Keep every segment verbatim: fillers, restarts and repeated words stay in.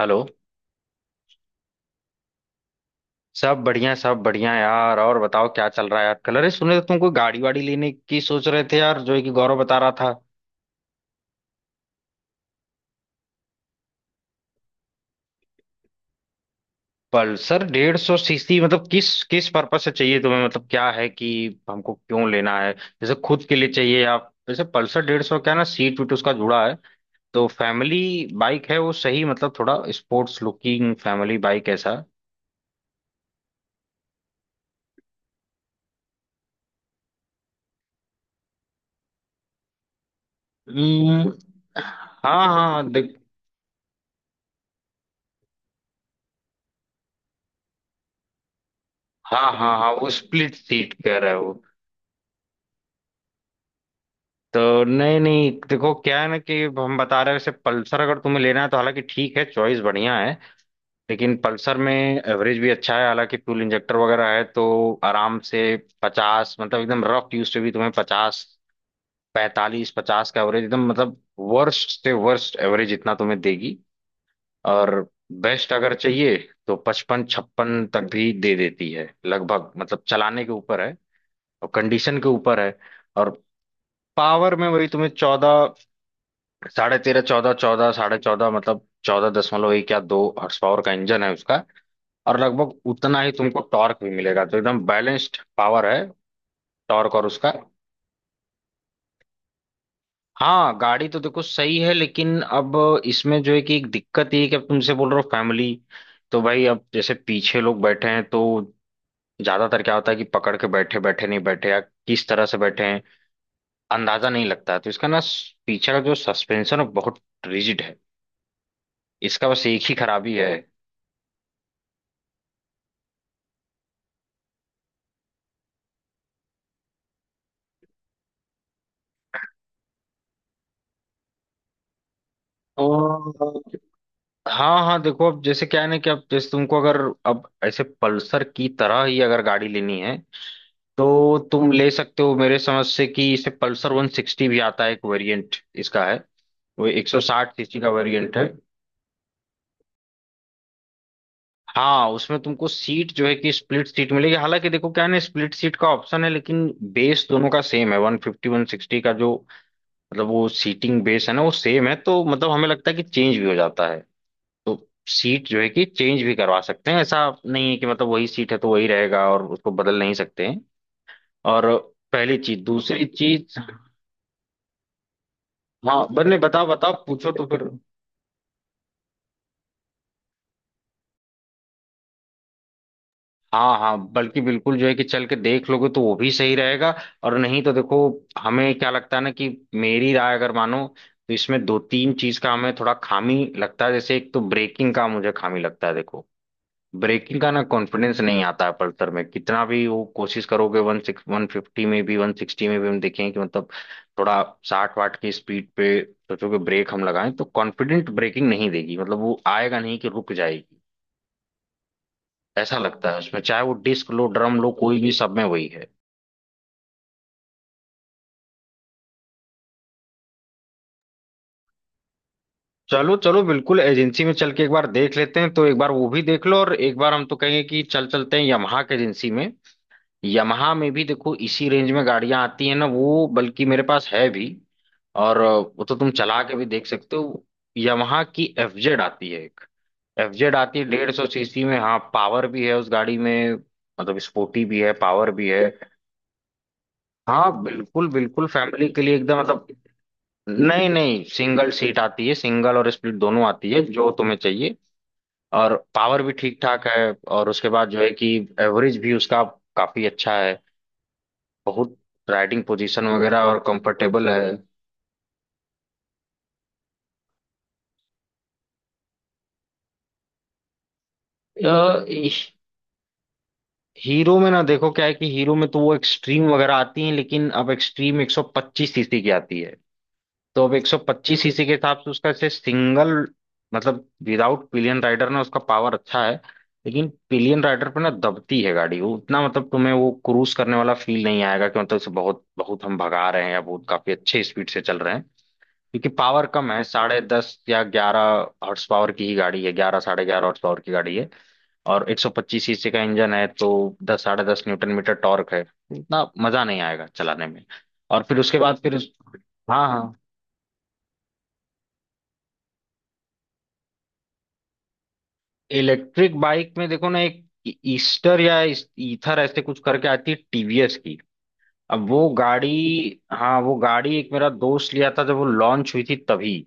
Hello. सब बढ़िया सब बढ़िया यार। और बताओ क्या चल रहा है यार कल, अरे सुने तो तुमको गाड़ी वाड़ी लेने की सोच रहे थे यार, जो है कि गौरव बता रहा था। पल्सर डेढ़ सौ सीसी मतलब किस किस पर्पज से चाहिए तुम्हें, मतलब क्या है कि हमको क्यों लेना है, जैसे खुद के लिए चाहिए या जैसे पल्सर डेढ़ सौ, क्या है ना सीट वीट उसका जुड़ा है तो फैमिली बाइक है। वो सही मतलब थोड़ा स्पोर्ट्स लुकिंग फैमिली बाइक ऐसा। हम्म, हाँ हाँ देख। हाँ हाँ हाँ वो स्प्लिट सीट कह रहे हो। तो नहीं नहीं देखो क्या है ना कि हम बता रहे हैं, वैसे पल्सर अगर तुम्हें लेना है तो हालांकि ठीक है, चॉइस बढ़िया है। लेकिन पल्सर में एवरेज भी अच्छा है, हालांकि फ्यूल इंजेक्टर वगैरह है तो आराम से पचास, मतलब एकदम रफ यूज से भी तुम्हें पचास पैंतालीस पचास का एवरेज, एकदम मतलब वर्स्ट से वर्स्ट एवरेज इतना तुम्हें देगी। और बेस्ट अगर चाहिए तो पचपन छप्पन तक भी दे देती है लगभग, मतलब चलाने के ऊपर है और कंडीशन के ऊपर है। और पावर में वही तुम्हें चौदह साढ़े तेरह चौदह चौदह साढ़े चौदह, मतलब चौदह दशमलव एक या दो हॉर्स पावर का इंजन है उसका। और लगभग उतना ही तुमको टॉर्क भी मिलेगा तो एकदम बैलेंस्ड पावर है, टॉर्क और उसका। हाँ गाड़ी तो देखो सही है, लेकिन अब इसमें जो है कि एक दिक्कत ये है कि अब तुमसे बोल रहे हो फैमिली, तो भाई अब जैसे पीछे लोग बैठे हैं तो ज्यादातर क्या होता है कि पकड़ के बैठे बैठे नहीं बैठे या किस तरह से बैठे हैं अंदाजा नहीं लगता है, तो इसका ना पीछे का जो सस्पेंशन है बहुत रिजिड है। इसका बस एक ही खराबी है। तो हाँ हाँ देखो अब जैसे क्या है ना कि अब जैसे तुमको अगर अब ऐसे पल्सर की तरह ही अगर गाड़ी लेनी है तो तुम ले सकते हो, मेरे समझ से कि इसे पल्सर एक सौ साठ भी आता है, एक वेरिएंट इसका है। वो एक सौ साठ सीसी का वेरिएंट है। हाँ उसमें तुमको सीट जो है कि स्प्लिट सीट मिलेगी, हालांकि देखो क्या है ना, स्प्लिट सीट का ऑप्शन है लेकिन बेस दोनों का सेम है, डेढ़ सौ एक सौ साठ का जो मतलब वो सीटिंग बेस है ना वो सेम है, तो मतलब हमें लगता है कि चेंज भी हो जाता है। तो सीट जो है कि चेंज भी करवा सकते हैं, ऐसा नहीं है कि मतलब वही सीट है तो वही रहेगा और उसको बदल नहीं सकते हैं। और पहली चीज दूसरी चीज। हाँ बने बताओ बताओ पूछो तो फिर। हाँ हाँ बल्कि बिल्कुल जो है कि चल के देख लोगे तो वो भी सही रहेगा। और नहीं तो देखो हमें क्या लगता है ना कि मेरी राय अगर मानो तो इसमें दो तीन चीज का हमें थोड़ा खामी लगता है, जैसे एक तो ब्रेकिंग का मुझे खामी लगता है। देखो ब्रेकिंग का ना कॉन्फिडेंस नहीं आता है पल्सर में, कितना भी वो कोशिश करोगे वन सिक्स वन फिफ्टी में भी वन सिक्सटी में भी हम देखें कि मतलब थोड़ा साठ वाट की स्पीड पे सोचो कि ब्रेक हम लगाएं तो कॉन्फिडेंट ब्रेकिंग नहीं देगी, मतलब वो आएगा नहीं कि रुक जाएगी ऐसा लगता है उसमें, चाहे वो डिस्क लो ड्रम लो कोई भी, सब में वही है। चलो चलो बिल्कुल एजेंसी में चल के एक बार देख लेते हैं, तो एक बार वो भी देख लो और एक बार हम तो कहेंगे कि चल चलते हैं यामाहा की एजेंसी में। यमहा में भी देखो इसी रेंज में गाड़ियां आती हैं ना, वो बल्कि मेरे पास है भी। और अ, वो तो तुम चला के भी देख सकते हो। यमहा की एफजेड आती है एक। एफजेड आती है डेढ़ सौ सीसी में, हाँ पावर भी है उस गाड़ी में, मतलब स्पोर्टी भी है पावर भी है। हाँ बिल्कुल बिल्कुल फैमिली के लिए एकदम मतलब। नहीं नहीं सिंगल सीट आती है, सिंगल और स्प्लिट दोनों आती है जो तुम्हें चाहिए। और पावर भी ठीक ठाक है। और उसके बाद जो है कि एवरेज भी उसका काफी अच्छा है, बहुत राइडिंग पोजीशन वगैरह और कंफर्टेबल है। अ, इश- हीरो में ना देखो क्या है कि हीरो में तो वो एक्सट्रीम वगैरह आती है, लेकिन अब एक्सट्रीम एक सौ पच्चीस सीसी की आती है। तो अब एक सौ पच्चीस सीसी के हिसाब से उसका ऐसे सिंगल मतलब विदाउट पिलियन राइडर ना उसका पावर अच्छा है। लेकिन पिलियन राइडर पे ना दबती है गाड़ी, वो उतना मतलब तुम्हें वो क्रूज करने वाला फील नहीं आएगा, कि मतलब उसे बहुत बहुत हम भगा रहे हैं या बहुत काफी अच्छे स्पीड से चल रहे हैं, क्योंकि पावर कम है साढ़े दस या ग्यारह हॉर्स पावर की ही गाड़ी है। ग्यारह साढ़े ग्यारह हॉर्स पावर की गाड़ी है और एक सौ पच्चीस सीसी का इंजन है, तो दस साढ़े दस न्यूटन मीटर टॉर्क है, इतना मजा नहीं आएगा चलाने में। और फिर उसके बाद फिर उस, हाँ हाँ इलेक्ट्रिक बाइक में देखो ना एक ईस्टर या इस- ईथर ऐसे कुछ करके आती है टीवीएस की। अब वो गाड़ी, हाँ वो गाड़ी एक मेरा दोस्त लिया था जब वो लॉन्च हुई थी तभी,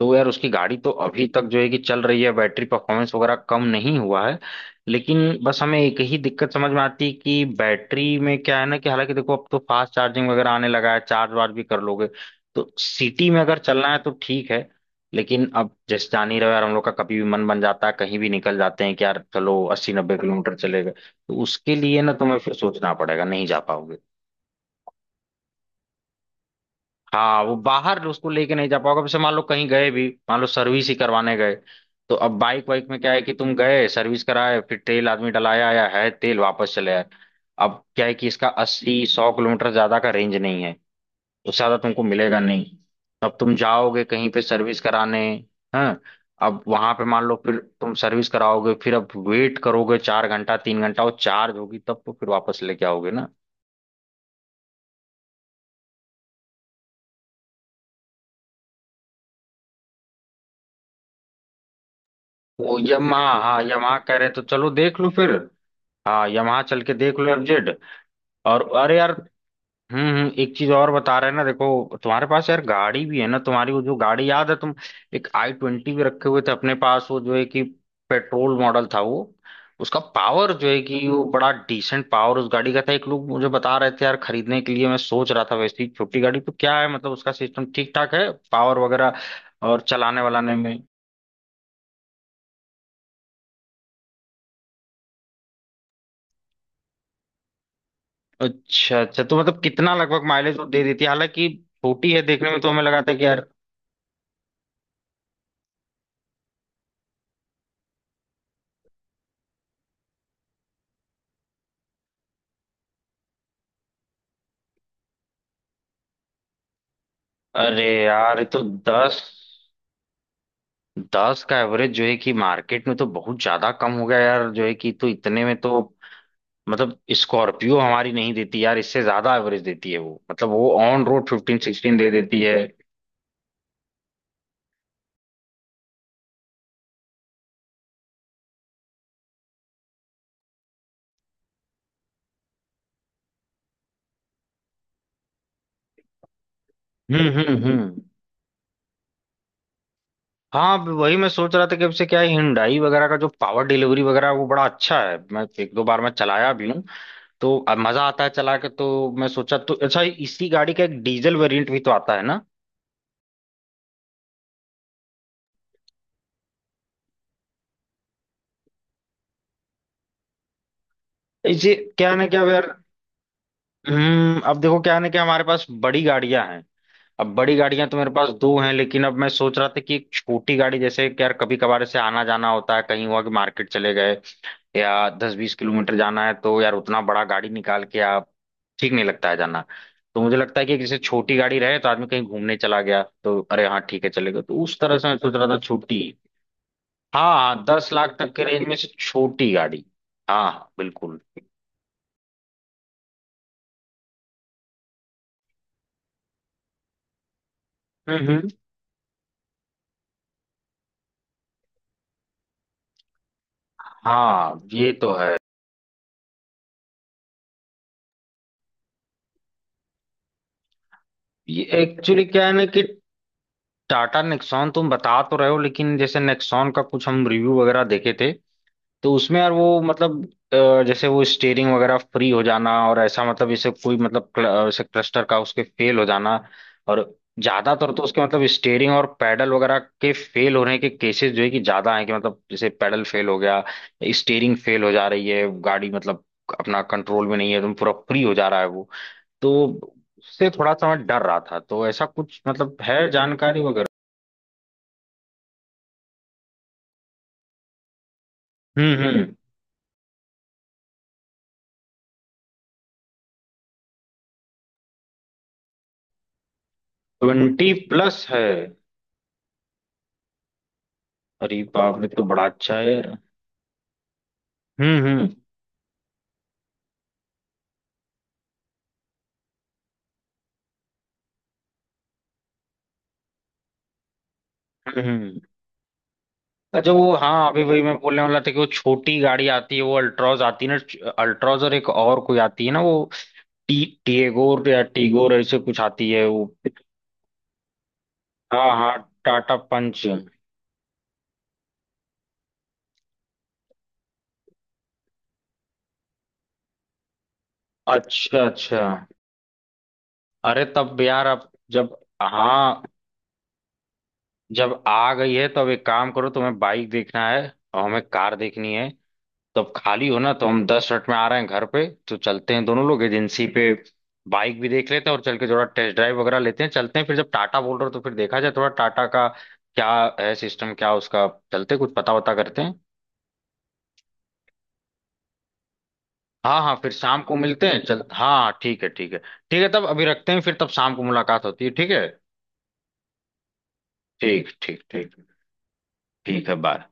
तो यार उसकी गाड़ी तो अभी तक जो है कि चल रही है, बैटरी परफॉर्मेंस वगैरह कम नहीं हुआ है। लेकिन बस हमें एक ही दिक्कत समझ में आती है कि बैटरी में क्या है ना कि हालांकि देखो अब तो फास्ट चार्जिंग वगैरह आने लगा है, चार्ज वार्ज भी कर लोगे तो सिटी में अगर चलना है तो ठीक है। लेकिन अब जैसे जान ही रहे हो यार, हम लोग का कभी भी मन बन जाता है, कहीं भी निकल जाते हैं कि यार चलो अस्सी नब्बे किलोमीटर चले गए, तो उसके लिए ना तुम्हें फिर सोचना पड़ेगा, नहीं जा पाओगे। हाँ वो बाहर उसको लेके नहीं जा पाओगे, अब जैसे मान लो कहीं गए भी, मान लो सर्विस ही करवाने गए तो अब बाइक वाइक में क्या है कि तुम गए सर्विस कराए, फिर तेल आदमी डलाया आया है तेल, वापस चले आए। अब क्या है कि इसका अस्सी सौ किलोमीटर ज्यादा का रेंज नहीं है, उससे ज्यादा तुमको मिलेगा नहीं। अब तुम जाओगे कहीं पे सर्विस कराने, हाँ अब वहां पे मान लो फिर तुम सर्विस कराओगे, फिर अब वेट करोगे चार घंटा तीन घंटा, वो चार्ज होगी तब तो फिर वापस लेके आओगे ना। वो यमा, हाँ यमा कह रहे तो चलो देख लो फिर। हाँ यमाहा चल के देख लो एफजेड। और अरे यार हम्म हम्म एक चीज और बता रहे हैं ना, देखो तुम्हारे पास यार गाड़ी भी है ना, तुम्हारी वो जो गाड़ी याद है तुम एक आई ट्वेंटी भी रखे हुए थे अपने पास, वो जो है कि पेट्रोल मॉडल था वो। उसका पावर जो है कि वो बड़ा डिसेंट पावर उस गाड़ी का था, एक लोग मुझे बता रहे थे यार खरीदने के लिए, मैं सोच रहा था वैसी छोटी गाड़ी तो क्या है मतलब उसका सिस्टम ठीक ठाक है पावर वगैरह और चलाने वालाने में। अच्छा अच्छा तो मतलब कितना लगभग माइलेज वो दे देती है, हालांकि छोटी है देखने में तो हमें लगा था कि यार। अरे यार ये तो दस दस का एवरेज जो है कि मार्केट में तो बहुत ज्यादा कम हो गया यार, जो है कि तो इतने में तो मतलब स्कॉर्पियो हमारी नहीं देती यार, इससे ज्यादा एवरेज देती है वो, मतलब वो ऑन रोड फिफ्टीन सिक्सटीन दे देती है। हम्म हम्म हम्म। हाँ अब वही मैं सोच रहा था कि अब से क्या है, हिंडाई वगैरह का जो पावर डिलीवरी वगैरह है, वो बड़ा अच्छा है, मैं एक दो बार मैं चलाया भी हूँ तो अब मजा आता है चला के, तो मैं सोचा तो अच्छा इसी गाड़ी का एक डीजल वेरिएंट भी तो आता है ना। इसे क्या है ना क्या यार, हम्म अब देखो क्या है ना कि हमारे पास बड़ी गाड़ियां हैं। अब बड़ी गाड़ियां तो मेरे पास दो हैं, लेकिन अब मैं सोच रहा था कि एक छोटी गाड़ी जैसे कि यार कभी कभार ऐसे आना जाना होता है, कहीं हुआ कि मार्केट चले गए या दस बीस किलोमीटर जाना है तो यार उतना बड़ा गाड़ी निकाल के आप ठीक नहीं लगता है जाना। तो मुझे लगता है कि जैसे छोटी गाड़ी रहे तो आदमी कहीं घूमने चला गया तो अरे हाँ ठीक है चलेगा, तो उस तरह से मैं सोच रहा था छोटी। हाँ हाँ दस लाख तक के रेंज में से छोटी गाड़ी, हाँ बिल्कुल। हम्म हम्म। हाँ ये तो है। ये एक्चुअली क्या है ना कि टाटा नेक्सॉन तुम बता तो रहे हो लेकिन जैसे नेक्सॉन का कुछ हम रिव्यू वगैरह देखे थे तो उसमें यार वो मतलब अ, जैसे वो स्टेयरिंग वगैरह फ्री हो जाना, और ऐसा मतलब जैसे कोई मतलब क्ल- अ, जैसे क्लस्टर का उसके फेल हो जाना, और ज्यादातर तो उसके मतलब स्टेयरिंग और पैडल वगैरह के फेल होने के केसेस जो है कि ज्यादा हैं, कि मतलब जैसे पैडल फेल हो गया, स्टेयरिंग फेल हो जा रही है गाड़ी, मतलब अपना कंट्रोल में नहीं है तुम, पूरा फ्री हो जा रहा है वो। तो उससे थोड़ा सा मैं डर रहा था, तो ऐसा कुछ मतलब है जानकारी वगैरह। हम्म हम्म ट्वेंटी प्लस है। अरे बाप रे तो बड़ा अच्छा है यार। हम्म हम्म हम्म। अच्छा वो, हाँ अभी वही मैं बोलने वाला था कि वो छोटी गाड़ी आती है वो अल्ट्रॉज आती है ना, अल्ट्रॉज, और एक और कोई आती है ना वो, टी टीगोर या टीगोर ऐसे कुछ आती है वो। हाँ हाँ टाटा पंच। अच्छा अच्छा। अरे तब यार अब जब, हाँ जब आ गई है तो अब एक काम करो, तुम्हें बाइक देखना है और हमें कार देखनी है, तो अब खाली हो ना तो हम दस मिनट में आ रहे हैं घर पे, तो चलते हैं दोनों लोग एजेंसी पे। बाइक भी देख लेते हैं और चल के थोड़ा टेस्ट ड्राइव वगैरह लेते हैं, चलते हैं फिर, जब टाटा बोल रहे हो तो फिर देखा जाए थोड़ा टाटा का क्या है सिस्टम क्या उसका। चलते हैं, कुछ पता वता करते हैं। हाँ हाँ फिर शाम को मिलते हैं चल, हाँ हाँ, ठीक है ठीक है ठीक है, तब अभी रखते हैं, फिर तब शाम को मुलाकात होती है, ठीक है। ठीक ठीक ठीक। ठीक है बाय।